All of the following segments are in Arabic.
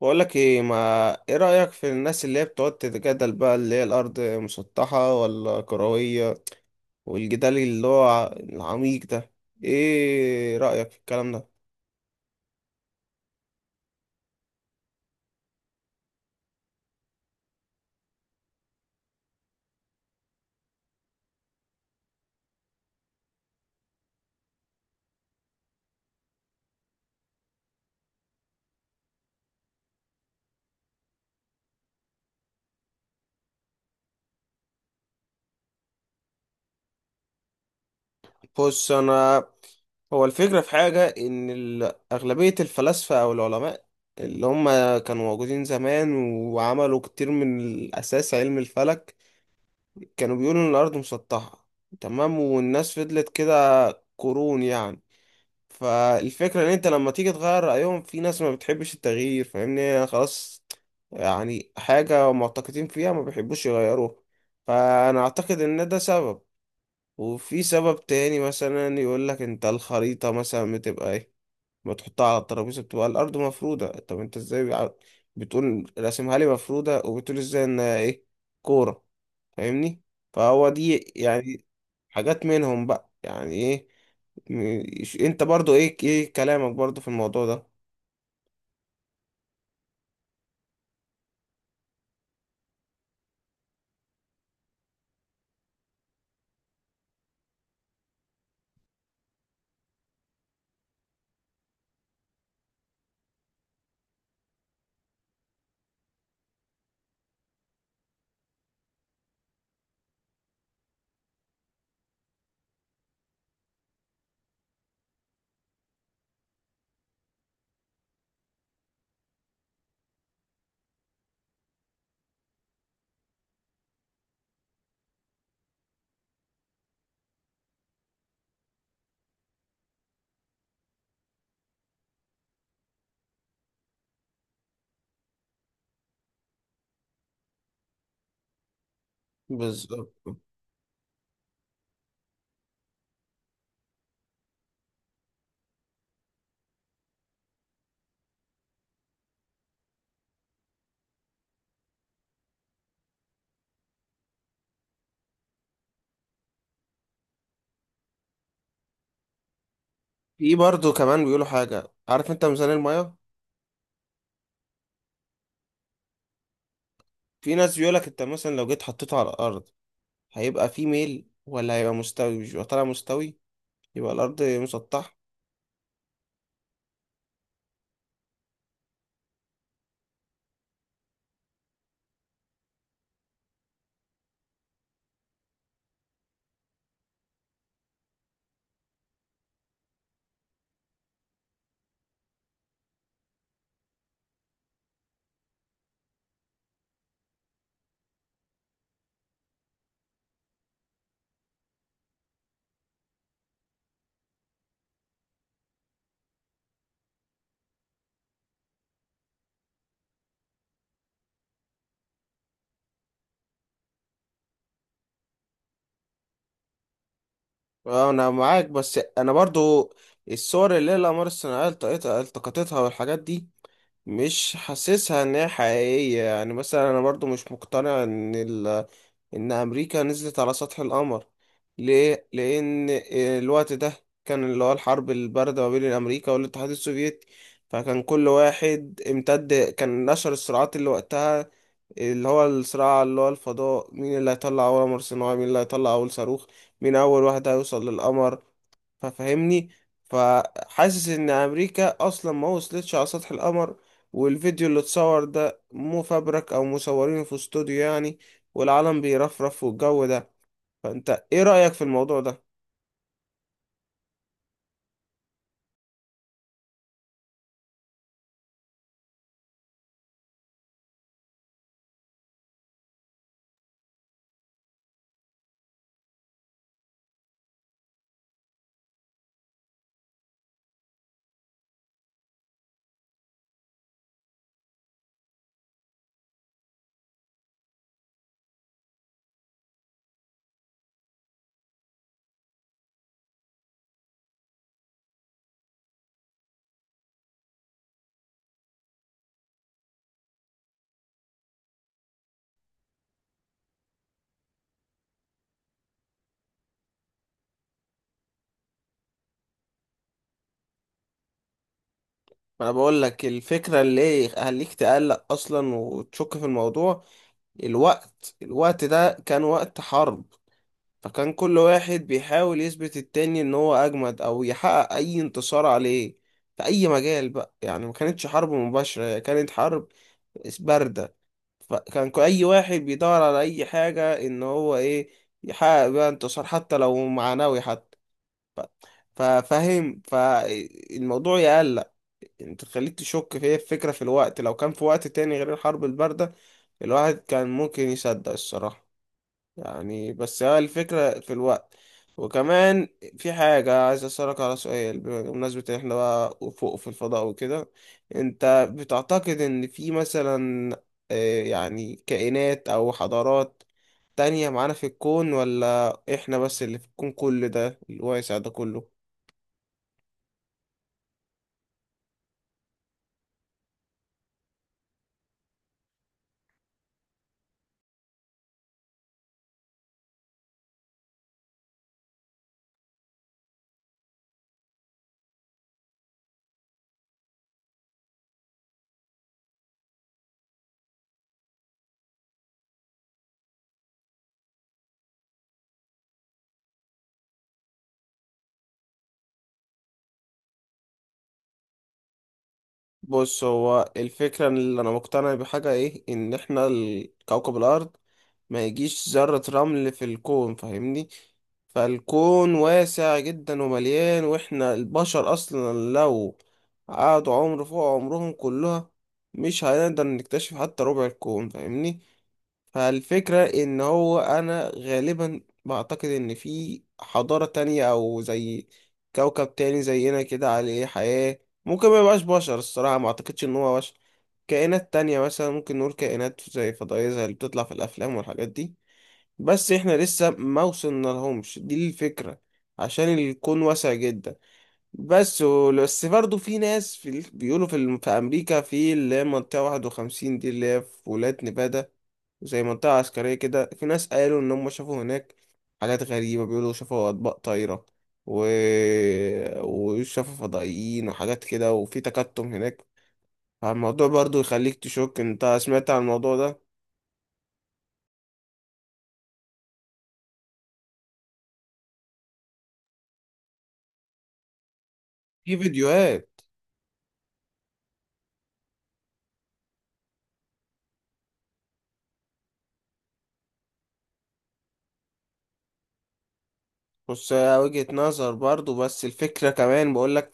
بقول لك ايه ما، ايه رأيك في الناس اللي هي بتقعد تتجادل بقى اللي هي الارض مسطحة ولا كروية؟ والجدال اللي هو العميق ده، ايه رأيك في الكلام ده؟ بص انا، هو الفكرة في حاجة ان اغلبية الفلاسفة او العلماء اللي هم كانوا موجودين زمان وعملوا كتير من الاساس علم الفلك، كانوا بيقولوا ان الارض مسطحة. تمام، والناس فضلت كده قرون يعني. فالفكرة ان انت لما تيجي تغير رأيهم في ناس ما بتحبش التغيير، فاهمني يعني؟ خلاص، يعني حاجة معتقدين فيها ما بيحبوش يغيروها. فانا اعتقد ان ده سبب. وفي سبب تاني مثلا يقول لك انت الخريطة مثلا بتبقى ايه، ما تحطها على الترابيزة بتبقى الارض مفرودة، طب انت ازاي بتقول راسمها لي مفرودة وبتقول ازاي ان ايه، كورة؟ فاهمني؟ فهو دي يعني حاجات منهم بقى، يعني ايه. انت برضو ايه، ايه كلامك برضو في الموضوع ده؟ بالظبط. في برضو كمان بيقولوا حاجة، عارف انت ميزان المية؟ في ناس بيقولك انت مثلا لو جيت حطيته على الارض هيبقى في ميل ولا هيبقى مستوي؟ مش يبقى طالع مستوي، يبقى الارض مسطحة. اه انا معاك، بس انا برضو الصور اللي هي الاقمار الصناعية التقطتها والحاجات دي مش حاسسها ان هي حقيقية، يعني مثلا انا برضو مش مقتنع ان ان امريكا نزلت على سطح القمر. ليه؟ لان الوقت ده كان اللي هو الحرب الباردة ما بين امريكا والاتحاد السوفيتي، فكان كل واحد امتد كان نشر الصراعات اللي وقتها اللي هو الصراع اللي هو الفضاء، مين اللي هيطلع اول قمر صناعي، مين اللي هيطلع اول صاروخ، مين اول واحد هيوصل للقمر. ففهمني، فحاسس ان امريكا اصلا ما وصلتش على سطح القمر، والفيديو اللي اتصور ده مفبرك او مصورينه في استوديو يعني، والعالم بيرفرف والجو ده. فانت ايه رأيك في الموضوع ده؟ ما انا بقول لك الفكرة اللي هليك تقلق اصلا وتشك في الموضوع، الوقت ده كان وقت حرب، فكان كل واحد بيحاول يثبت التاني ان هو اجمد او يحقق اي انتصار عليه في اي مجال بقى يعني. ما كانتش حرب مباشرة، هي كانت حرب بارده. فكان اي واحد بيدور على اي حاجه ان هو ايه، يحقق بيها انتصار حتى لو معنوي حتى. ف- ففاهم، فالموضوع يقلق انت، تخليك تشك في هي الفكره في الوقت. لو كان في وقت تاني غير الحرب البارده الواحد كان ممكن يصدق الصراحه يعني، بس هي الفكرة في الوقت. وكمان في حاجة عايز أسألك على سؤال، بمناسبة إن إحنا بقى فوق في الفضاء وكده، أنت بتعتقد إن في مثلا يعني كائنات أو حضارات تانية معانا في الكون، ولا إحنا بس اللي في الكون كل ده الواسع ده كله؟ بص، هو الفكرة إن اللي أنا مقتنع بحاجة إيه، إن إحنا كوكب الأرض ما يجيش ذرة رمل في الكون، فاهمني؟ فالكون واسع جدا ومليان، وإحنا البشر أصلا لو قعدوا عمر فوق عمرهم كلها مش هنقدر نكتشف حتى ربع الكون، فاهمني؟ فالفكرة ان هو انا غالبا بعتقد ان في حضارة تانية او زي كوكب تاني زينا كده عليه حياة. ممكن ما يبقاش بشر، الصراحة ما اعتقدش ان هو بشر، كائنات تانية مثلا، ممكن نقول كائنات زي فضائية زي اللي بتطلع في الافلام والحاجات دي. بس احنا لسه ما وصلنا لهمش، دي الفكرة، عشان الكون واسع جدا. بس بس برضه في ناس بيقولوا في امريكا في اللي هي منطقه 51 دي، اللي هي في ولايه نيفادا، زي منطقه عسكريه كده، في ناس قالوا ان هم شافوا هناك حاجات غريبه، بيقولوا شافوا اطباق طايره و... وشافوا فضائيين وحاجات كده، وفي تكتم هناك. فالموضوع برضه يخليك تشك، انت سمعت عن الموضوع ده؟ في فيديوهات. بص هي وجهة نظر برضو، بس الفكرة كمان بقولك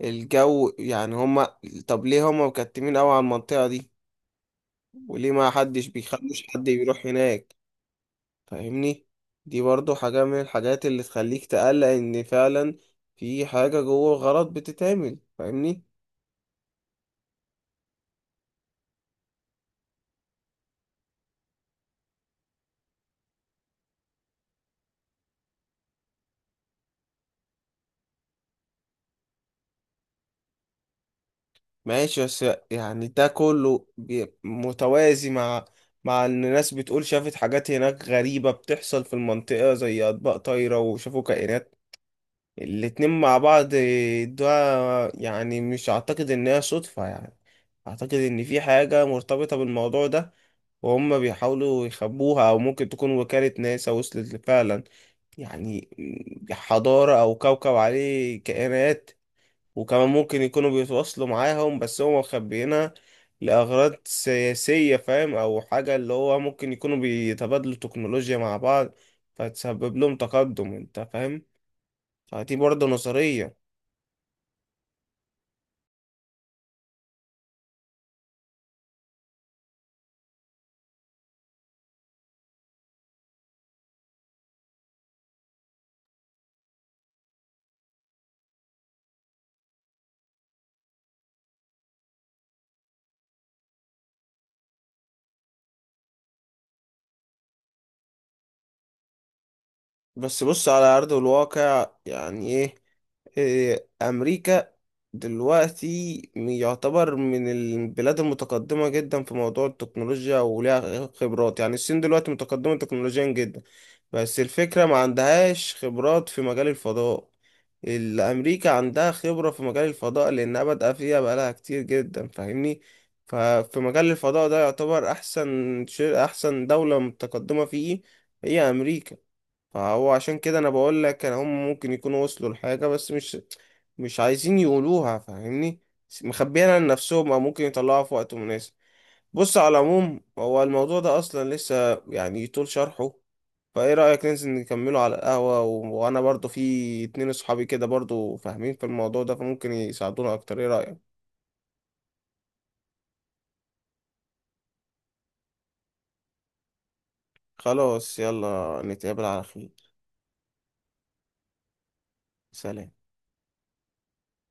الجو يعني هما، طب ليه هما مكتمين قوي على المنطقة دي، وليه ما حدش بيخلوش حد بيروح هناك؟ فاهمني؟ دي برضو حاجة من الحاجات اللي تخليك تقلق ان فعلا في حاجة جوه غلط بتتعمل، فاهمني؟ ماشي، بس يعني ده كله متوازي مع، مع ان الناس بتقول شافت حاجات هناك غريبة بتحصل في المنطقة زي اطباق طايرة وشافوا كائنات، الاتنين مع بعض ده، يعني مش اعتقد ان هي صدفة يعني، اعتقد ان في حاجة مرتبطة بالموضوع ده، وهم بيحاولوا يخبوها. او ممكن تكون وكالة ناسا وصلت فعلا يعني حضارة او كوكب عليه كائنات، وكمان ممكن يكونوا بيتواصلوا معاهم بس هم مخبيينها لأغراض سياسية، فاهم؟ او حاجة اللي هو ممكن يكونوا بيتبادلوا تكنولوجيا مع بعض فتسبب لهم تقدم، انت فاهم؟ فدي برضه نظرية. بس بص على أرض الواقع يعني إيه، أمريكا دلوقتي يعتبر من البلاد المتقدمة جدا في موضوع التكنولوجيا وليها خبرات. يعني الصين دلوقتي متقدمة تكنولوجيا جدا، بس الفكرة ما عندهاش خبرات في مجال الفضاء. الأمريكا عندها خبرة في مجال الفضاء لأنها بادئة فيها بقالها كتير جدا، فاهمني؟ ففي مجال الفضاء ده يعتبر أحسن شيء، أحسن دولة متقدمة فيه هي أمريكا. فهو عشان كده انا بقول لك ان هم ممكن يكونوا وصلوا لحاجة بس مش عايزين يقولوها، فاهمني؟ مخبيينها لنفسهم، او ممكن يطلعوها في وقت مناسب. بص على العموم هو الموضوع ده اصلا لسه يعني يطول شرحه، فايه رأيك ننزل نكمله على القهوة، وانا برضو في اتنين اصحابي كده برضو فاهمين في الموضوع ده فممكن يساعدونا اكتر، ايه رأيك؟ خلاص، يلا نتقابل على خير. سلام.